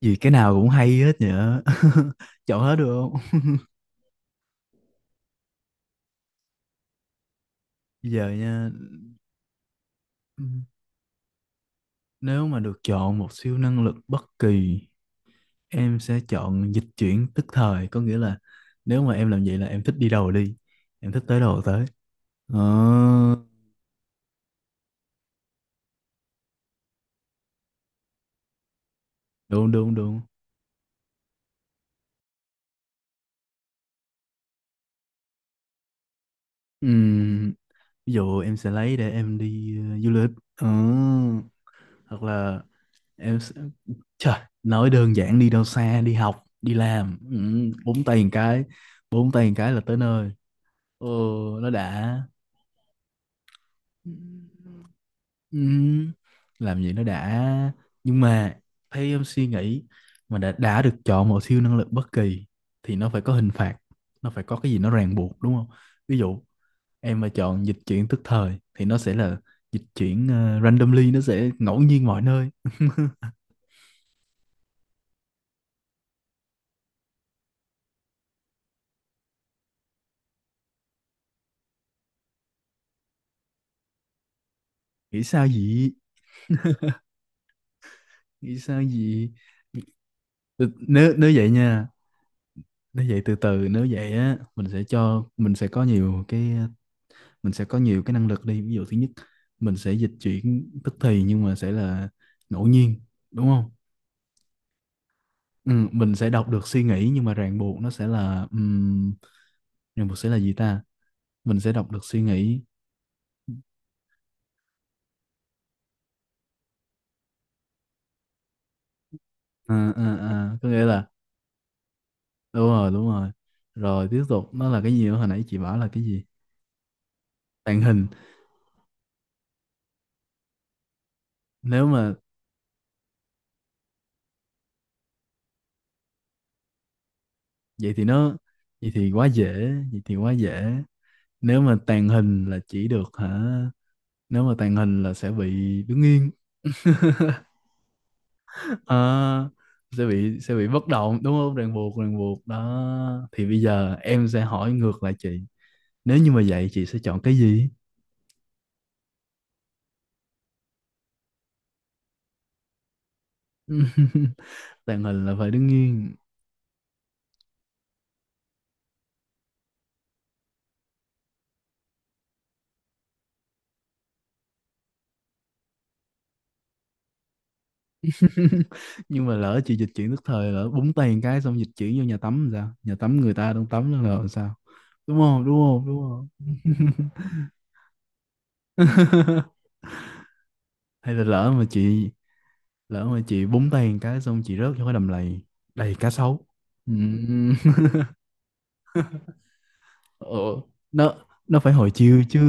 Vì cái nào cũng hay hết nhở Chọn hết được không? Giờ nha, nếu mà được chọn một siêu năng lực bất kỳ, em sẽ chọn dịch chuyển tức thời. Có nghĩa là nếu mà em làm vậy là em thích đi đâu đi, em thích tới đâu tới. Ờ, đúng đúng đúng. Ừm, Ví dụ em sẽ lấy để em đi du lịch. Ờ. hoặc là em sẽ... Trời, nói đơn giản đi đâu xa, đi học, đi làm. Búng tay một cái, bốn tay một cái là tới nơi. ừ nó đã. Ừ. ừ, làm gì nó đã, nhưng mà theo em suy nghĩ, mà đã được chọn một siêu năng lực bất kỳ thì nó phải có hình phạt, nó phải có cái gì nó ràng buộc đúng không. Ví dụ em mà chọn dịch chuyển tức thời thì nó sẽ là dịch chuyển randomly, nó sẽ ngẫu nhiên mọi nơi. Nghĩ sao vậy? Nghĩ sao vậy? Ừ, nếu nếu vậy nha, nếu vậy từ từ, nếu vậy á, mình sẽ có nhiều cái năng lực đi. Ví dụ thứ nhất, mình sẽ dịch chuyển tức thì nhưng mà sẽ là ngẫu nhiên đúng không. Ừ, mình sẽ đọc được suy nghĩ nhưng mà ràng buộc nó sẽ là ràng buộc sẽ là gì ta, mình sẽ đọc được suy nghĩ. À, à, à, có nghĩa là. Đúng rồi, đúng rồi. Rồi tiếp tục nó là cái gì nữa, hồi nãy chị bảo là cái gì. Tàng hình. Nếu mà vậy thì nó vậy thì quá dễ, vậy thì quá dễ. Nếu mà tàng hình là chỉ được hả. Nếu mà tàng hình là sẽ bị đứng yên. À, sẽ bị bất động đúng không, ràng buộc, ràng buộc đó. Thì bây giờ em sẽ hỏi ngược lại chị, nếu như mà vậy chị sẽ chọn cái gì? Tàng hình là phải đứng nghiêng. Nhưng mà lỡ chị dịch chuyển tức thời, lỡ búng tay một cái xong dịch chuyển vô nhà tắm làm sao, nhà tắm người ta đang tắm đó là làm sao, đúng không, đúng không, đúng không? Hay là lỡ mà chị búng tay một cái xong chị rớt vô cái đầm lầy đầy cá sấu. Ừ. ờ, nó nó phải hồi chiêu chứ,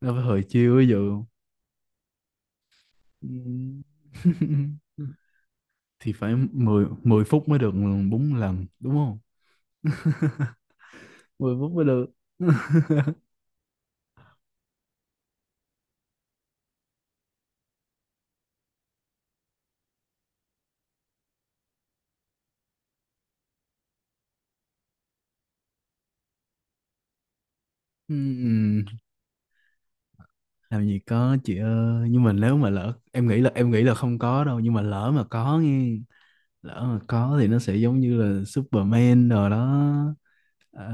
nó phải hồi chiêu ví dụ. ừm, thì phải 10 10 phút mới được, bốn lần đúng không? 10 phút mới được. Ừm, làm gì có chị ơi, nhưng mà nếu mà lỡ, em nghĩ là không có đâu, nhưng mà lỡ mà có nghe, lỡ mà có thì nó sẽ giống như là Superman rồi đó. à,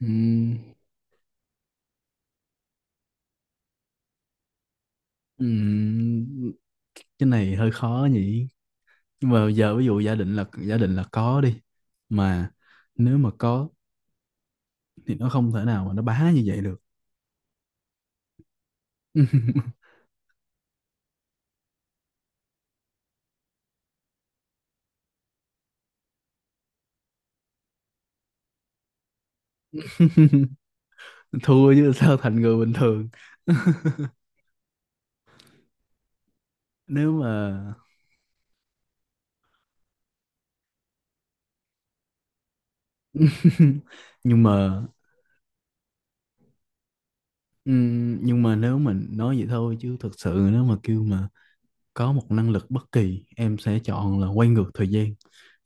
ừm, ừm, cái này hơi khó nhỉ, nhưng mà giờ ví dụ giả định là có đi. Mà nếu mà có thì nó không thể nào mà nó bá như vậy được. Thua chứ sao, thành người bình thường. nếu mà nhưng mà nhưng mà nếu mình nói vậy thôi, chứ thực sự nếu mà kêu mà có một năng lực bất kỳ em sẽ chọn là quay ngược thời gian.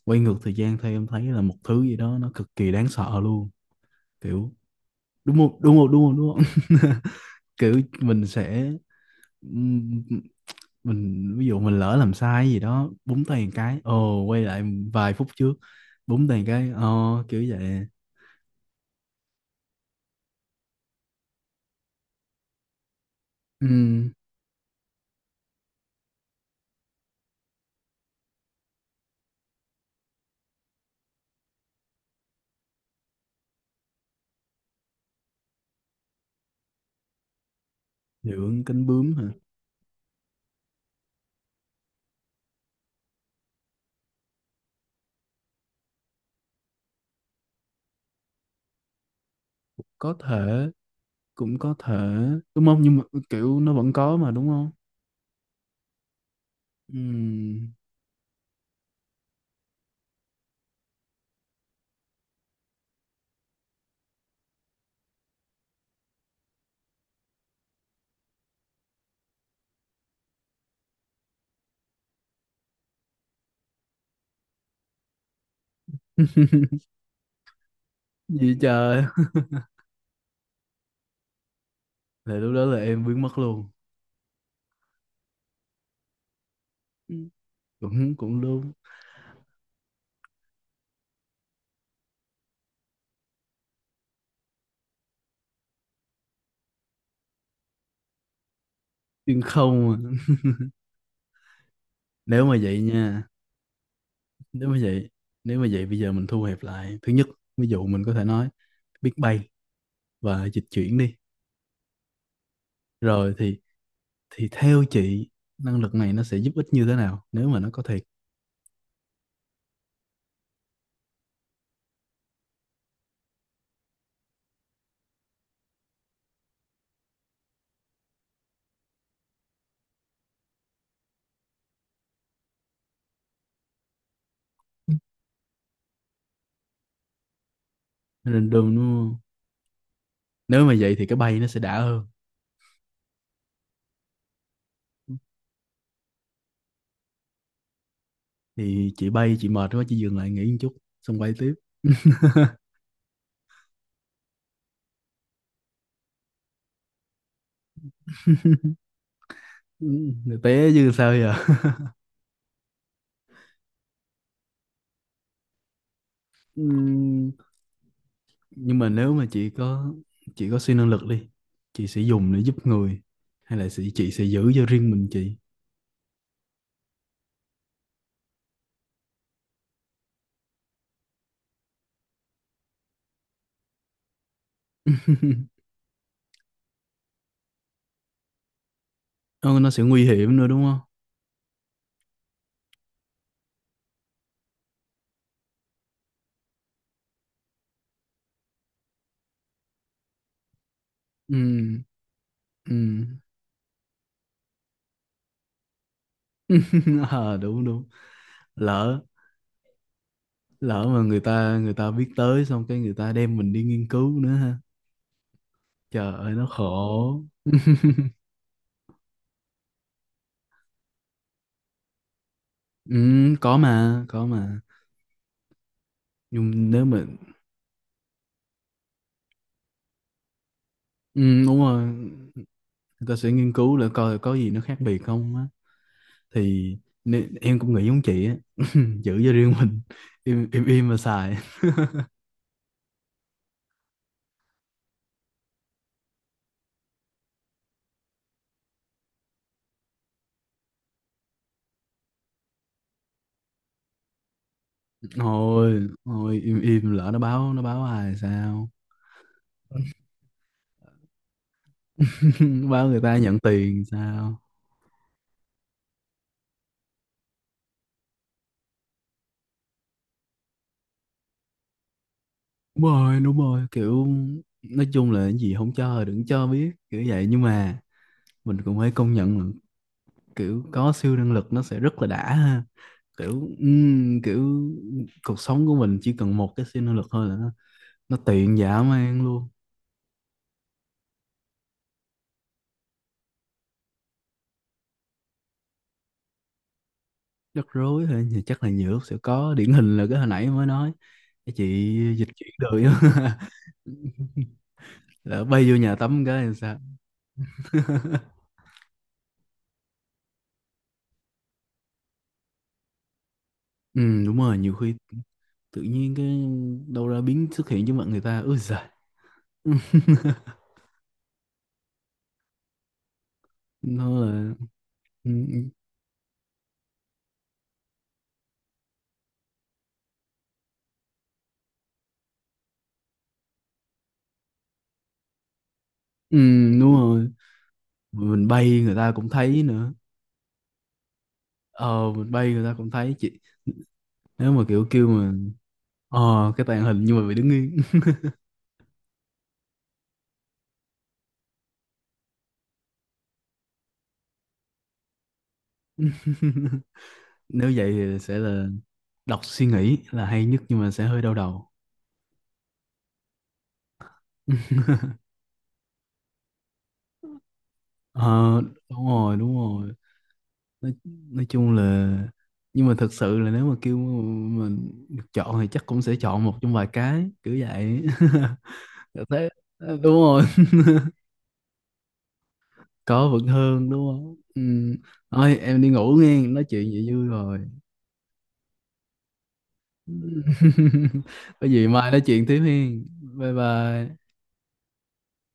Quay ngược thời gian theo em thấy là một thứ gì đó nó cực kỳ đáng sợ luôn, kiểu, đúng không, đúng không, đúng không, đúng không? Kiểu mình sẽ mình ví dụ mình lỡ làm sai gì đó, búng tay một cái ồ quay lại vài phút trước, búng tay một cái, kiểu vậy. Ừ, dưỡng cánh bướm hả? Có thể, cũng có thể, đúng không, nhưng mà kiểu nó vẫn có mà đúng không. Ừ. Gì trời. Là lúc đó là em biến mất luôn. Ừ, cũng cũng đúng. Nhưng không à. Nếu mà vậy nha, nếu mà vậy nếu mà vậy bây giờ mình thu hẹp lại, thứ nhất ví dụ mình có thể nói biết bay và dịch chuyển đi. Rồi thì theo chị, năng lực này nó sẽ giúp ích như thế nào nếu mà nó có thiệt. Nó random đúng. Nếu mà vậy thì cái bay nó sẽ đã hơn. Thì chị bay chị mệt quá chị dừng lại nghỉ một chút, xong bay tiếp. Ừ, té chứ sao giờ. Ừ, nhưng mà nếu mà chị có siêu năng lực đi, chị sẽ dùng để giúp người, hay là chị sẽ giữ cho riêng mình chị? Ờ, nó sẽ nguy hiểm nữa đúng không. Ừ, ừ. À, đúng đúng, lỡ lỡ mà người ta biết tới xong cái người ta đem mình đi nghiên cứu nữa ha. Trời ơi nó khổ. Ừ, có mà có mà. Nhưng nếu mà Ừ, đúng rồi, người ta sẽ nghiên cứu là coi có gì nó khác biệt không á, thì nè, em cũng nghĩ giống chị á. Giữ cho riêng mình, im im im mà xài. Thôi thôi, im im, lỡ nó báo ai sao. Báo người ta nhận tiền sao? Đúng rồi, đúng rồi kiểu, nói chung là cái gì không cho đừng cho biết kiểu vậy, nhưng mà mình cũng phải công nhận là kiểu có siêu năng lực nó sẽ rất là đã ha, kiểu, kiểu cuộc sống của mình chỉ cần một cái siêu năng lực thôi là nó tiện dã man luôn. Rắc rối thôi thì chắc là nhiều lúc sẽ có, điển hình là cái hồi nãy mới nói, cái chị dịch chuyển đời á. Lỡ bay vô nhà tắm cái thì sao? Ừ đúng rồi, nhiều khi tự nhiên cái đâu ra biến xuất hiện trước mặt người ta, ôi giời. Nó là, ừ, ừ, ừ, đúng rồi, mình bay người ta cũng thấy nữa. Ờ, mình bay người ta cũng thấy chị. Nếu mà kiểu kêu mà cái tàng hình nhưng mà bị đứng yên. Nếu vậy thì sẽ là đọc suy nghĩ là hay nhất, nhưng mà sẽ hơi đau đầu. Ờ, đúng rồi, đúng rồi. nói, nói chung là, nhưng mà thật sự là nếu mà kêu mình được chọn thì chắc cũng sẽ chọn một trong vài cái kiểu vậy. Thế, đúng rồi, có vẫn hơn đúng không. Ừ. Thôi em đi ngủ, nghe nói chuyện vậy vui rồi. Có gì mai nói chuyện tiếp hen. Bye bye.